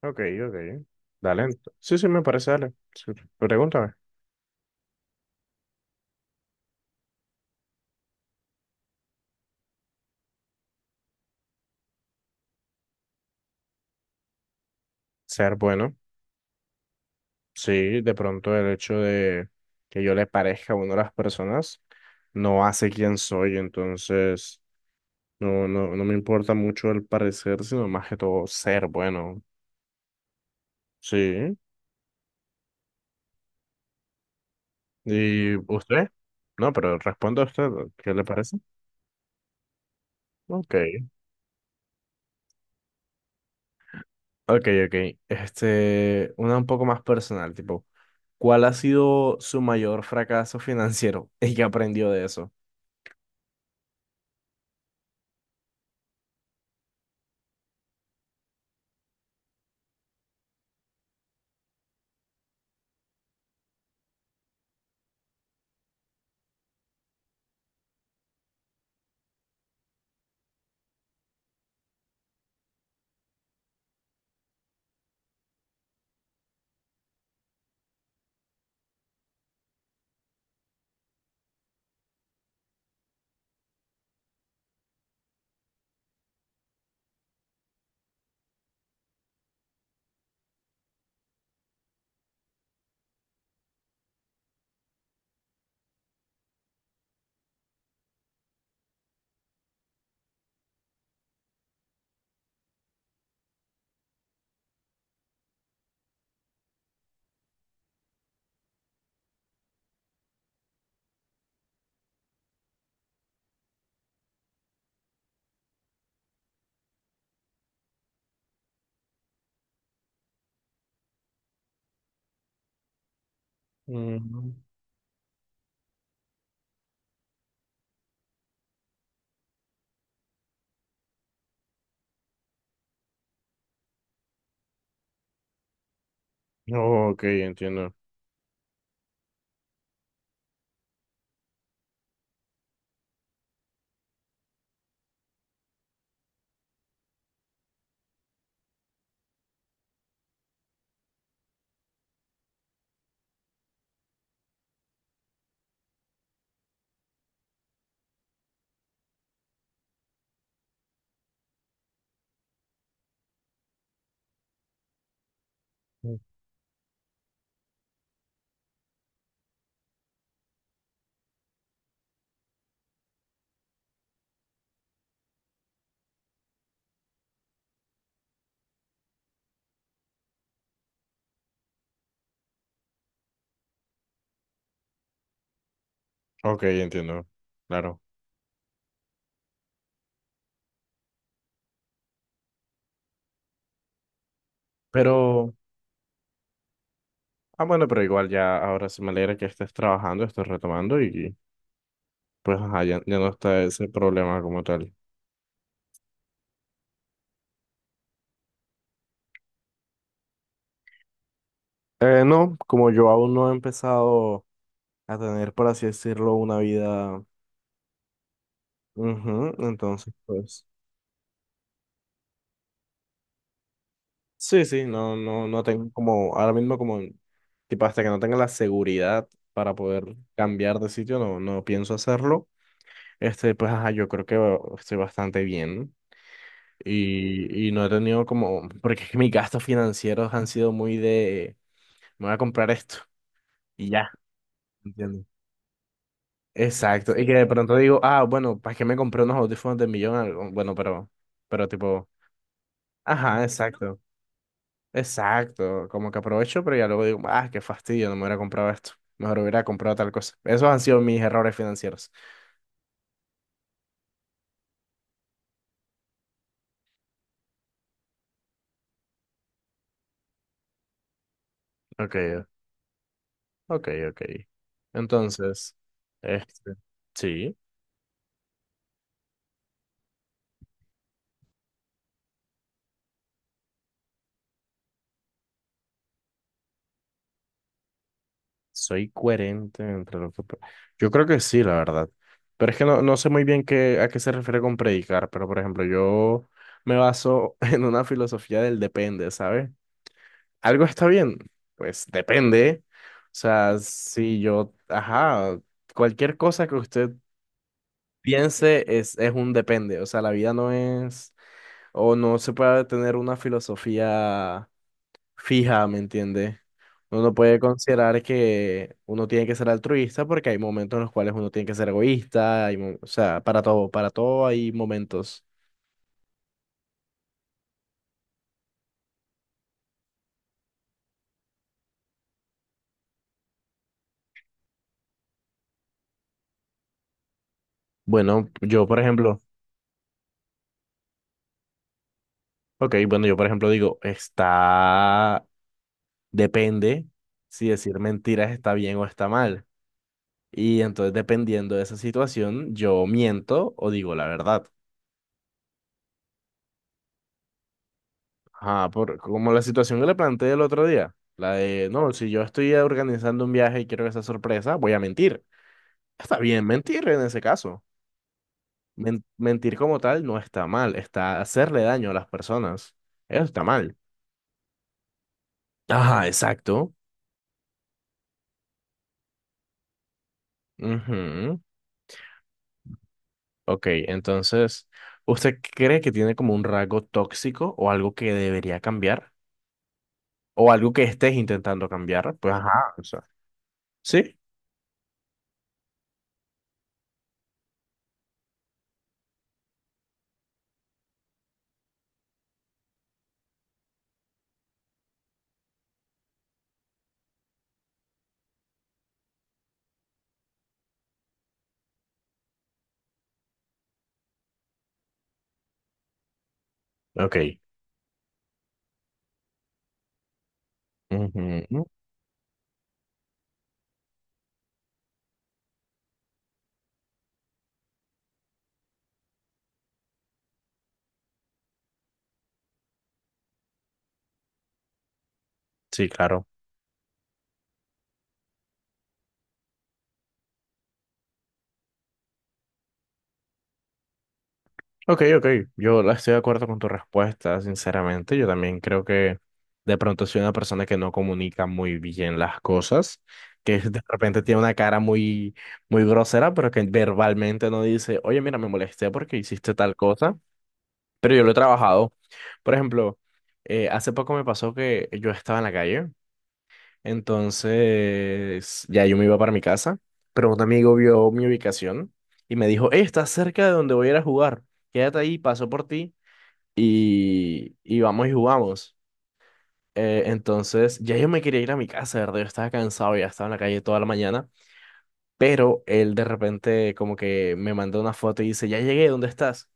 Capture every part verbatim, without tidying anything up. Ok, ok. Dale. ent- Sí, sí, me parece, dale. Sí, pregúntame. Ser bueno. Sí, de pronto el hecho de que yo le parezca a uno a las personas no hace quién soy, entonces no, no, no me importa mucho el parecer, sino más que todo ser bueno. Sí. ¿Y usted? No, pero responda usted, ¿qué le parece? Ok. Ok, ok. Este, una un poco más personal, tipo, ¿cuál ha sido su mayor fracaso financiero y qué aprendió de eso? Mm. Oh, ok, entiendo. Mm. Ok, entiendo. Claro. Pero, ah, bueno, pero igual ya ahora sí me alegra que estés trabajando, estés retomando y pues ajá, ya, ya no está ese problema como tal. Eh, no, como yo aún no he empezado a tener, por así decirlo, una vida, ujú, entonces, pues. Sí, sí, no, no, no tengo como, ahora mismo como, tipo, hasta que no tenga la seguridad para poder cambiar de sitio, no, no pienso hacerlo. Este, pues, ajá, yo creo que va- estoy bastante bien y, y no he tenido como, porque es que mis gastos financieros han sido muy de, me voy a comprar esto y ya, ¿entiendes? Exacto, y que de pronto digo, ah, bueno, ¿para qué me compré unos audífonos de millón? Algo, bueno, pero, pero tipo, ajá, exacto. Exacto, como que aprovecho, pero ya luego digo, ah, qué fastidio, no me hubiera comprado esto. Mejor hubiera comprado tal cosa. Esos han sido mis errores financieros. Ok, ok, ok. Entonces, este, sí, soy coherente entre lo que... pre- Yo creo que sí, la verdad. Pero es que no, no sé muy bien qué, a qué se refiere con predicar, pero por ejemplo, yo me baso en una filosofía del depende, ¿sabes? ¿Algo está bien? Pues depende. O sea, si yo, ajá, cualquier cosa que usted piense es, es un depende. O sea, la vida no es, o no se puede tener una filosofía fija, ¿me entiende? Uno no puede considerar que uno tiene que ser altruista porque hay momentos en los cuales uno tiene que ser egoísta. Hay mo- o sea, para todo, para todo hay momentos. Bueno, yo, por ejemplo, ok, bueno, yo, por ejemplo, digo, está. Depende si decir mentiras está bien o está mal. Y entonces, dependiendo de esa situación, yo miento o digo la verdad. Ajá, por, como la situación que le planteé el otro día, la de, no, si yo estoy organizando un viaje y quiero que sea sorpresa, voy a mentir. Está bien mentir en ese caso. Men- mentir como tal no está mal, está hacerle daño a las personas. Eso está mal. Ajá, exacto. Ujú. Ok, entonces, ¿usted cree que tiene como un rasgo tóxico o algo que debería cambiar? ¿O algo que estés intentando cambiar? Pues ajá, o sea, ¿sí? Ok. Ujú, sí, claro. Ok, ok, yo la- estoy de acuerdo con tu respuesta, sinceramente. Yo también creo que de pronto soy una persona que no comunica muy bien las cosas, que de repente tiene una cara muy, muy grosera, pero que verbalmente no dice, oye, mira, me molesté porque hiciste tal cosa. Pero yo lo he trabajado. Por ejemplo, eh, hace poco me pasó que yo estaba en la calle, entonces ya yo me iba para mi casa, pero un amigo vio mi ubicación y me dijo, hey, estás cerca de donde voy a ir a jugar, quédate ahí, paso por ti y, y vamos y jugamos. Eh, entonces ya yo me quería ir a mi casa, de ¿verdad? Yo estaba cansado, ya estaba en la calle toda la mañana, pero él de repente como que me mandó una foto y dice, ya llegué, ¿dónde estás?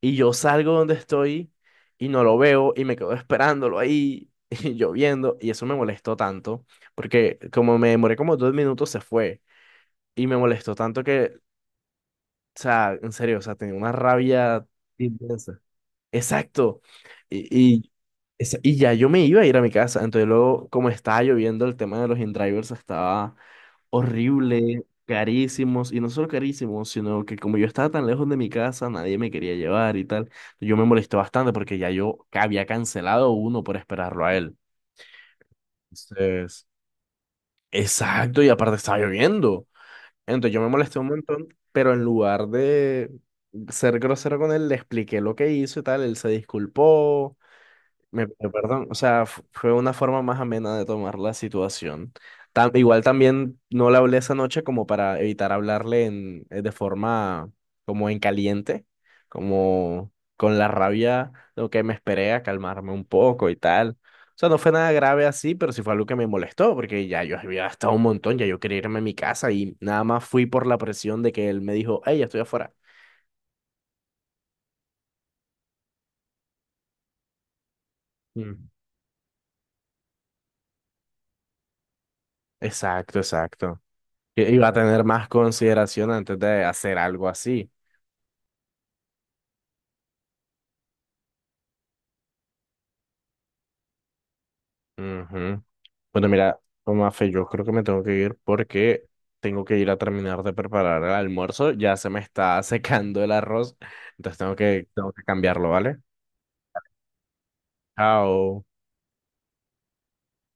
Y yo salgo donde estoy y no lo veo y me quedo esperándolo ahí y lloviendo. Y eso me molestó tanto porque como me demoré como dos minutos se fue. Y me molestó tanto que, o sea, en serio, o sea, tenía una rabia intensa. Exacto. Y, y, esa- y ya yo me iba a ir a mi casa. Entonces luego, como estaba lloviendo, el tema de los in-drivers estaba horrible, carísimos, y no solo carísimos, sino que como yo estaba tan lejos de mi casa, nadie me quería llevar y tal. Yo me molesté bastante porque ya yo ca- había cancelado uno por esperarlo a él. Entonces, exacto, y aparte estaba lloviendo. Entonces yo me molesté un montón, pero en lugar de ser grosero con él, le expliqué lo que hizo y tal, él se disculpó, me, me perdón, o sea, f- fue una forma más amena de tomar la situación. Tam- igual también no le hablé esa noche como para evitar hablarle en, eh, de forma como en caliente, como con la rabia, lo que me esperé a calmarme un poco y tal. O sea, no fue nada grave así, pero sí fue algo que me molestó, porque ya yo había gastado un montón, ya yo quería irme a mi casa y nada más fui por la presión de que él me dijo, hey, ya estoy afuera. Mm. Exacto, exacto. I- Iba a tener más consideración antes de hacer algo así. Ujú. Bueno, mira, Mafe, yo creo que me tengo que ir porque tengo que ir a terminar de preparar el almuerzo. Ya se me está secando el arroz, entonces tengo que, tengo que cambiarlo, ¿vale? Chao.